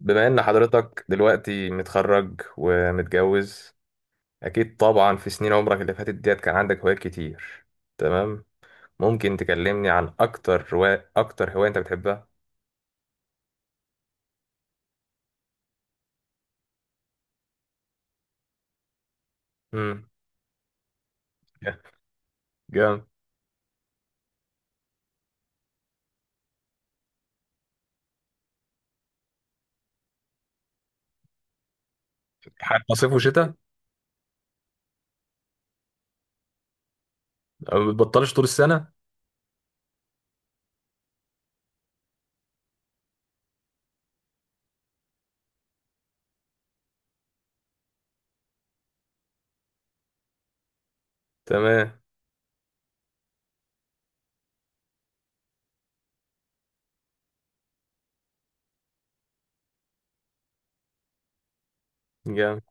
بما ان حضرتك دلوقتي متخرج ومتجوز، اكيد طبعا في سنين عمرك اللي فاتت ديت كان عندك هوايات كتير. تمام. ممكن تكلمني عن اكتر هواية انت بتحبها؟ امم. جامد. حتى صيف وشتاء؟ ما بتبطلش طول السنة. تمام. جامد.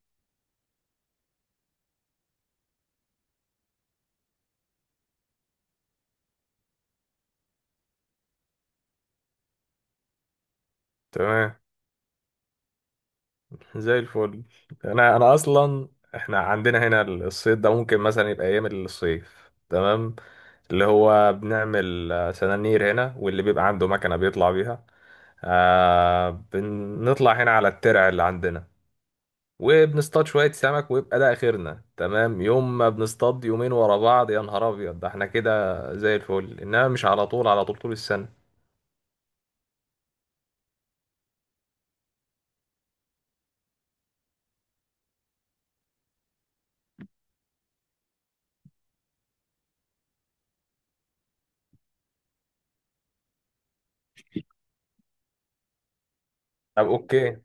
تمام. زي الفل. انا اصلا احنا عندنا هنا الصيد ده ممكن مثلا يبقى ايام الصيف. تمام. اللي هو بنعمل سنانير هنا، واللي بيبقى عنده مكنة بيطلع بيها. آه، بنطلع هنا على الترع اللي عندنا وبنصطاد شوية سمك ويبقى ده آخرنا. تمام. يوم ما بنصطاد يومين ورا بعض يا نهار أبيض ده احنا كده. زي الفل، إنما مش على طول، على طول طول السنة. طب أوكي.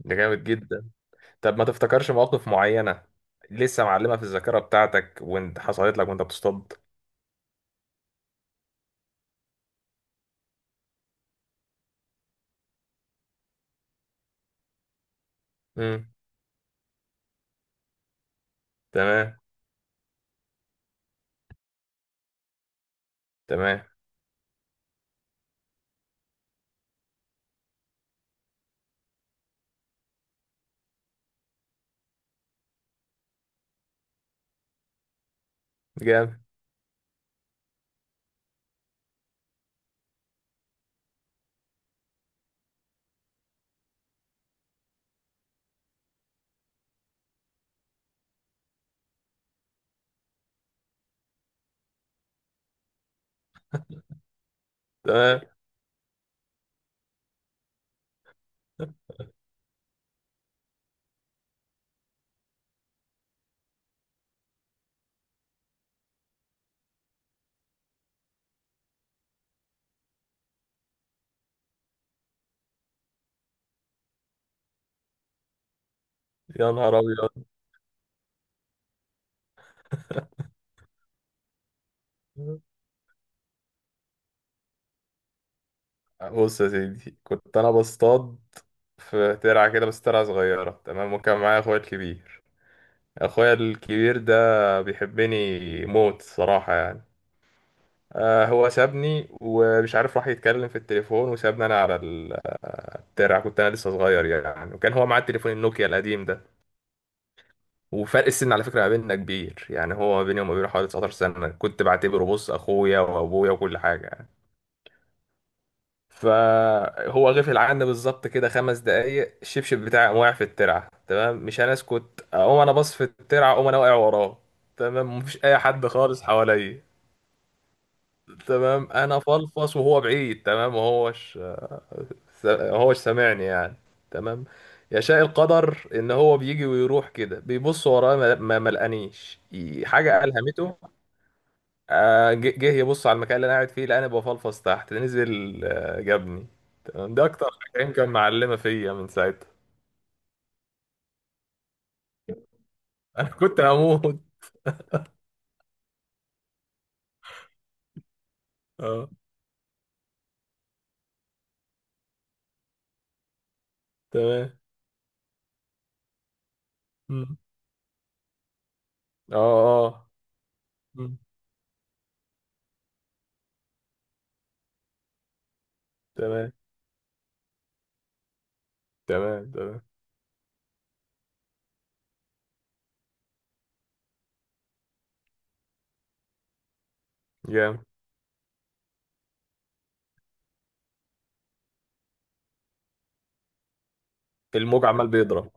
ده جامد جدا. طب ما تفتكرش مواقف معينة لسه معلمة في الذاكرة بتاعتك وانت حصلت لك وانت بتصطاد؟ امم. تمام، تمام. جامد. تمام. يا نهار أبيض. بص يا سيدي، كنت أنا بصطاد في ترعة كده، بس ترعة صغيرة، تمام، وكان معايا أخويا الكبير. أخويا الكبير ده بيحبني موت صراحة يعني. آه، هو سابني ومش عارف راح يتكلم في التليفون وسابني أنا على الترعة. كنت أنا لسه صغير يعني، وكان هو معاه التليفون النوكيا القديم ده. وفرق السن على فكرة ما بيننا كبير يعني، هو ما بيني وما بينه حوالي 19 سنة. كنت بعتبره، بص، أخويا وأبويا وكل حاجة يعني. فهو غفل عني بالظبط كده 5 دقايق، الشبشب بتاعي قام واقع في الترعه. تمام، مش هنسكت، اقوم انا باص في الترعه، اقوم انا واقع وراه. تمام، مفيش اي حد خالص حواليا. تمام، انا فلفص وهو بعيد، تمام، وهوش سامعني يعني. تمام. يشاء القدر ان هو بيجي ويروح كده بيبص ورايا، ما لقانيش حاجه الهمته. جه يبص على المكان اللي انا قاعد فيه، لقاني بفلفص تحت، نزل جابني. تمام، ده اكتر حاجه يمكن معلمه فيا من ساعتها. انا كنت هموت. اه. تمام. مم. اه. اه. مم. تمام، تمام، تمام. جامد. الموج عمال بيضرب.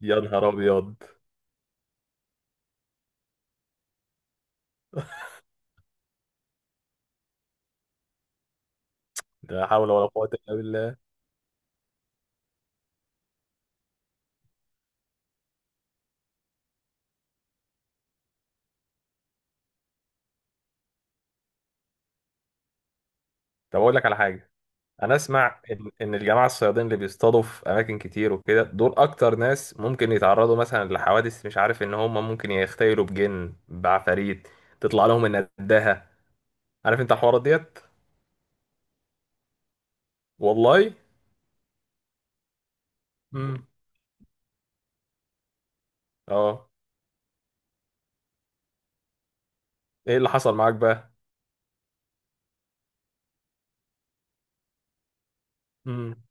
يا نهار ابيض. لا حول ولا قوه الا بالله. طب اقول لك على حاجه. انا اسمع إن الجماعه الصيادين اللي بيصطادوا في اماكن كتير وكده دول اكتر ناس ممكن يتعرضوا مثلا لحوادث، مش عارف ان هم ممكن يختيلوا بجن، بعفاريت، تطلع لهم النداهه. عارف انت الحوارات ديت. والله. امم. اه. ايه اللي حصل معاك بقى؟ امم.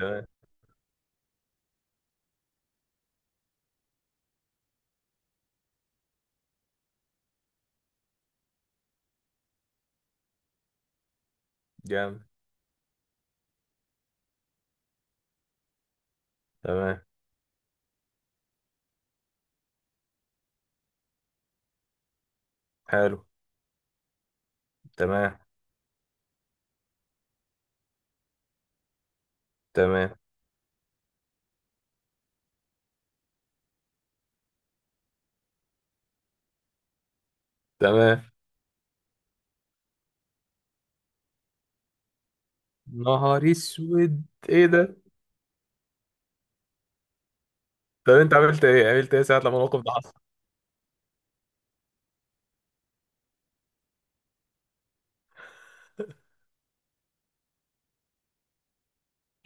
تمام. جامد. تمام. حلو. تمام. تمام. تمام. نهار اسود ايه ده. طب انت عملت ايه، ساعه لما الموقف ده حصل؟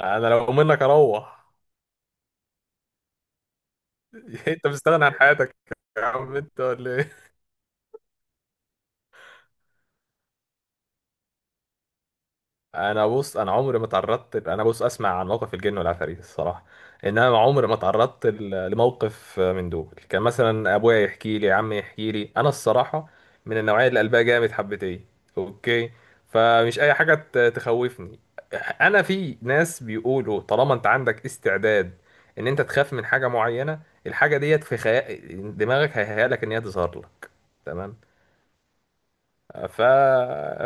انا لو منك اروح. انت مستغني عن حياتك؟ يا عم انت ولا ايه؟ انا بص، انا عمري ما تعرضت، انا بص اسمع عن موقف الجن والعفاريت الصراحه، انما عمري ما تعرضت لموقف من دول. كان مثلا ابويا يحكي لي، عمي يحكي لي انا الصراحه، من النوعيه اللي قلبها جامد حبتين. اوكي. فمش اي حاجه تخوفني. انا في ناس بيقولوا طالما انت عندك استعداد ان انت تخاف من حاجه معينه، الحاجه ديت في خيال دماغك هيهيأ لك ان هي تظهر لك. تمام. ف...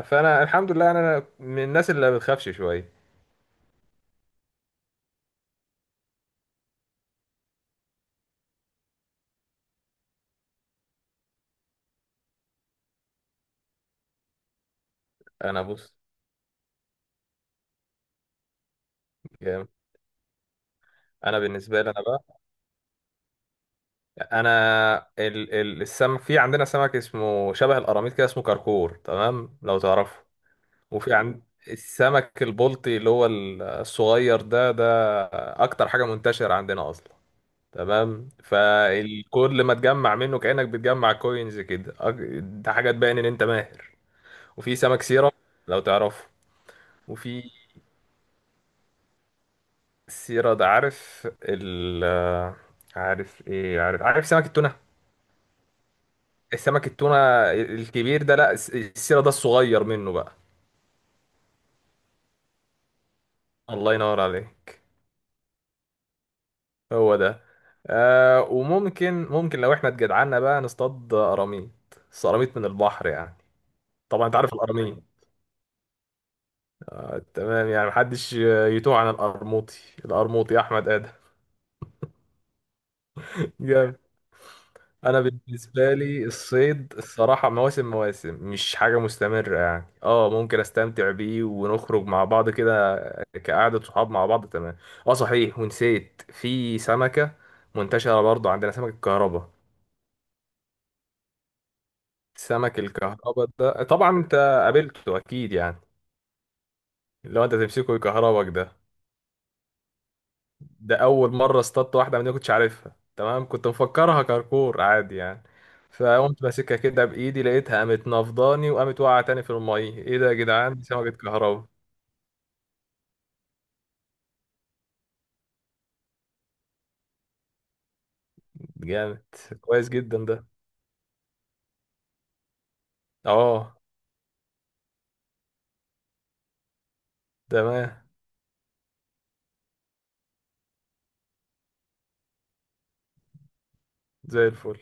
فانا الحمد لله انا من الناس اللي ما بتخافش شويه. انا بص. جامد. انا بالنسبه لي انا بقى. انا السمك في عندنا سمك اسمه شبه القراميط كده، اسمه كركور، تمام، لو تعرفه. وفي عند السمك البلطي اللي هو الصغير ده اكتر حاجه منتشره عندنا اصلا. تمام، فالكل ما تجمع منه كانك بتجمع كوينز كده. ده حاجه تبين ان انت ماهر. وفي سمك سيرة، لو تعرفه. وفي سيرة ده، عارف عارف ايه، عارف سمك التونة. السمك التونة الكبير ده، لا، السيرة ده الصغير منه بقى. الله ينور عليك. هو ده. آه، وممكن لو احنا اتجدعنا بقى نصطاد قراميط، بس قراميط من البحر يعني. طبعا انت عارف القراميط. آه، تمام يعني محدش يتوه عن القرموطي. القرموطي احمد ادم. انا بالنسبه لي الصيد الصراحه مواسم مواسم، مش حاجه مستمره يعني، اه ممكن استمتع بيه ونخرج مع بعض كده كقعده صحاب مع بعض. تمام. اه صحيح، ونسيت في سمكه منتشره برضو عندنا، سمك الكهرباء. سمك الكهرباء ده طبعا انت قابلته اكيد يعني، لو انت تمسكه يكهربك ده. ده اول مره اصطدت واحده من دي، ما كنتش عارفها، تمام، كنت مفكرها كركور عادي يعني. فقمت ماسكها كده بايدي، لقيتها قامت نفضاني وقامت واقعه تاني في الميه. ايه ده يا جدعان، دي سمكه كهرباء. جامد. كويس جدا ده. اه. تمام. زي الفل.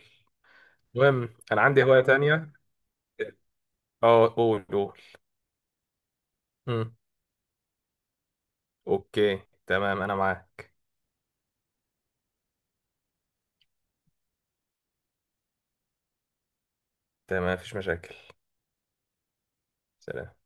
المهم انا عندي هوايه تانية. اه، قول قول. مم. اوكي. تمام انا معاك. تمام، مفيش مشاكل. سلام.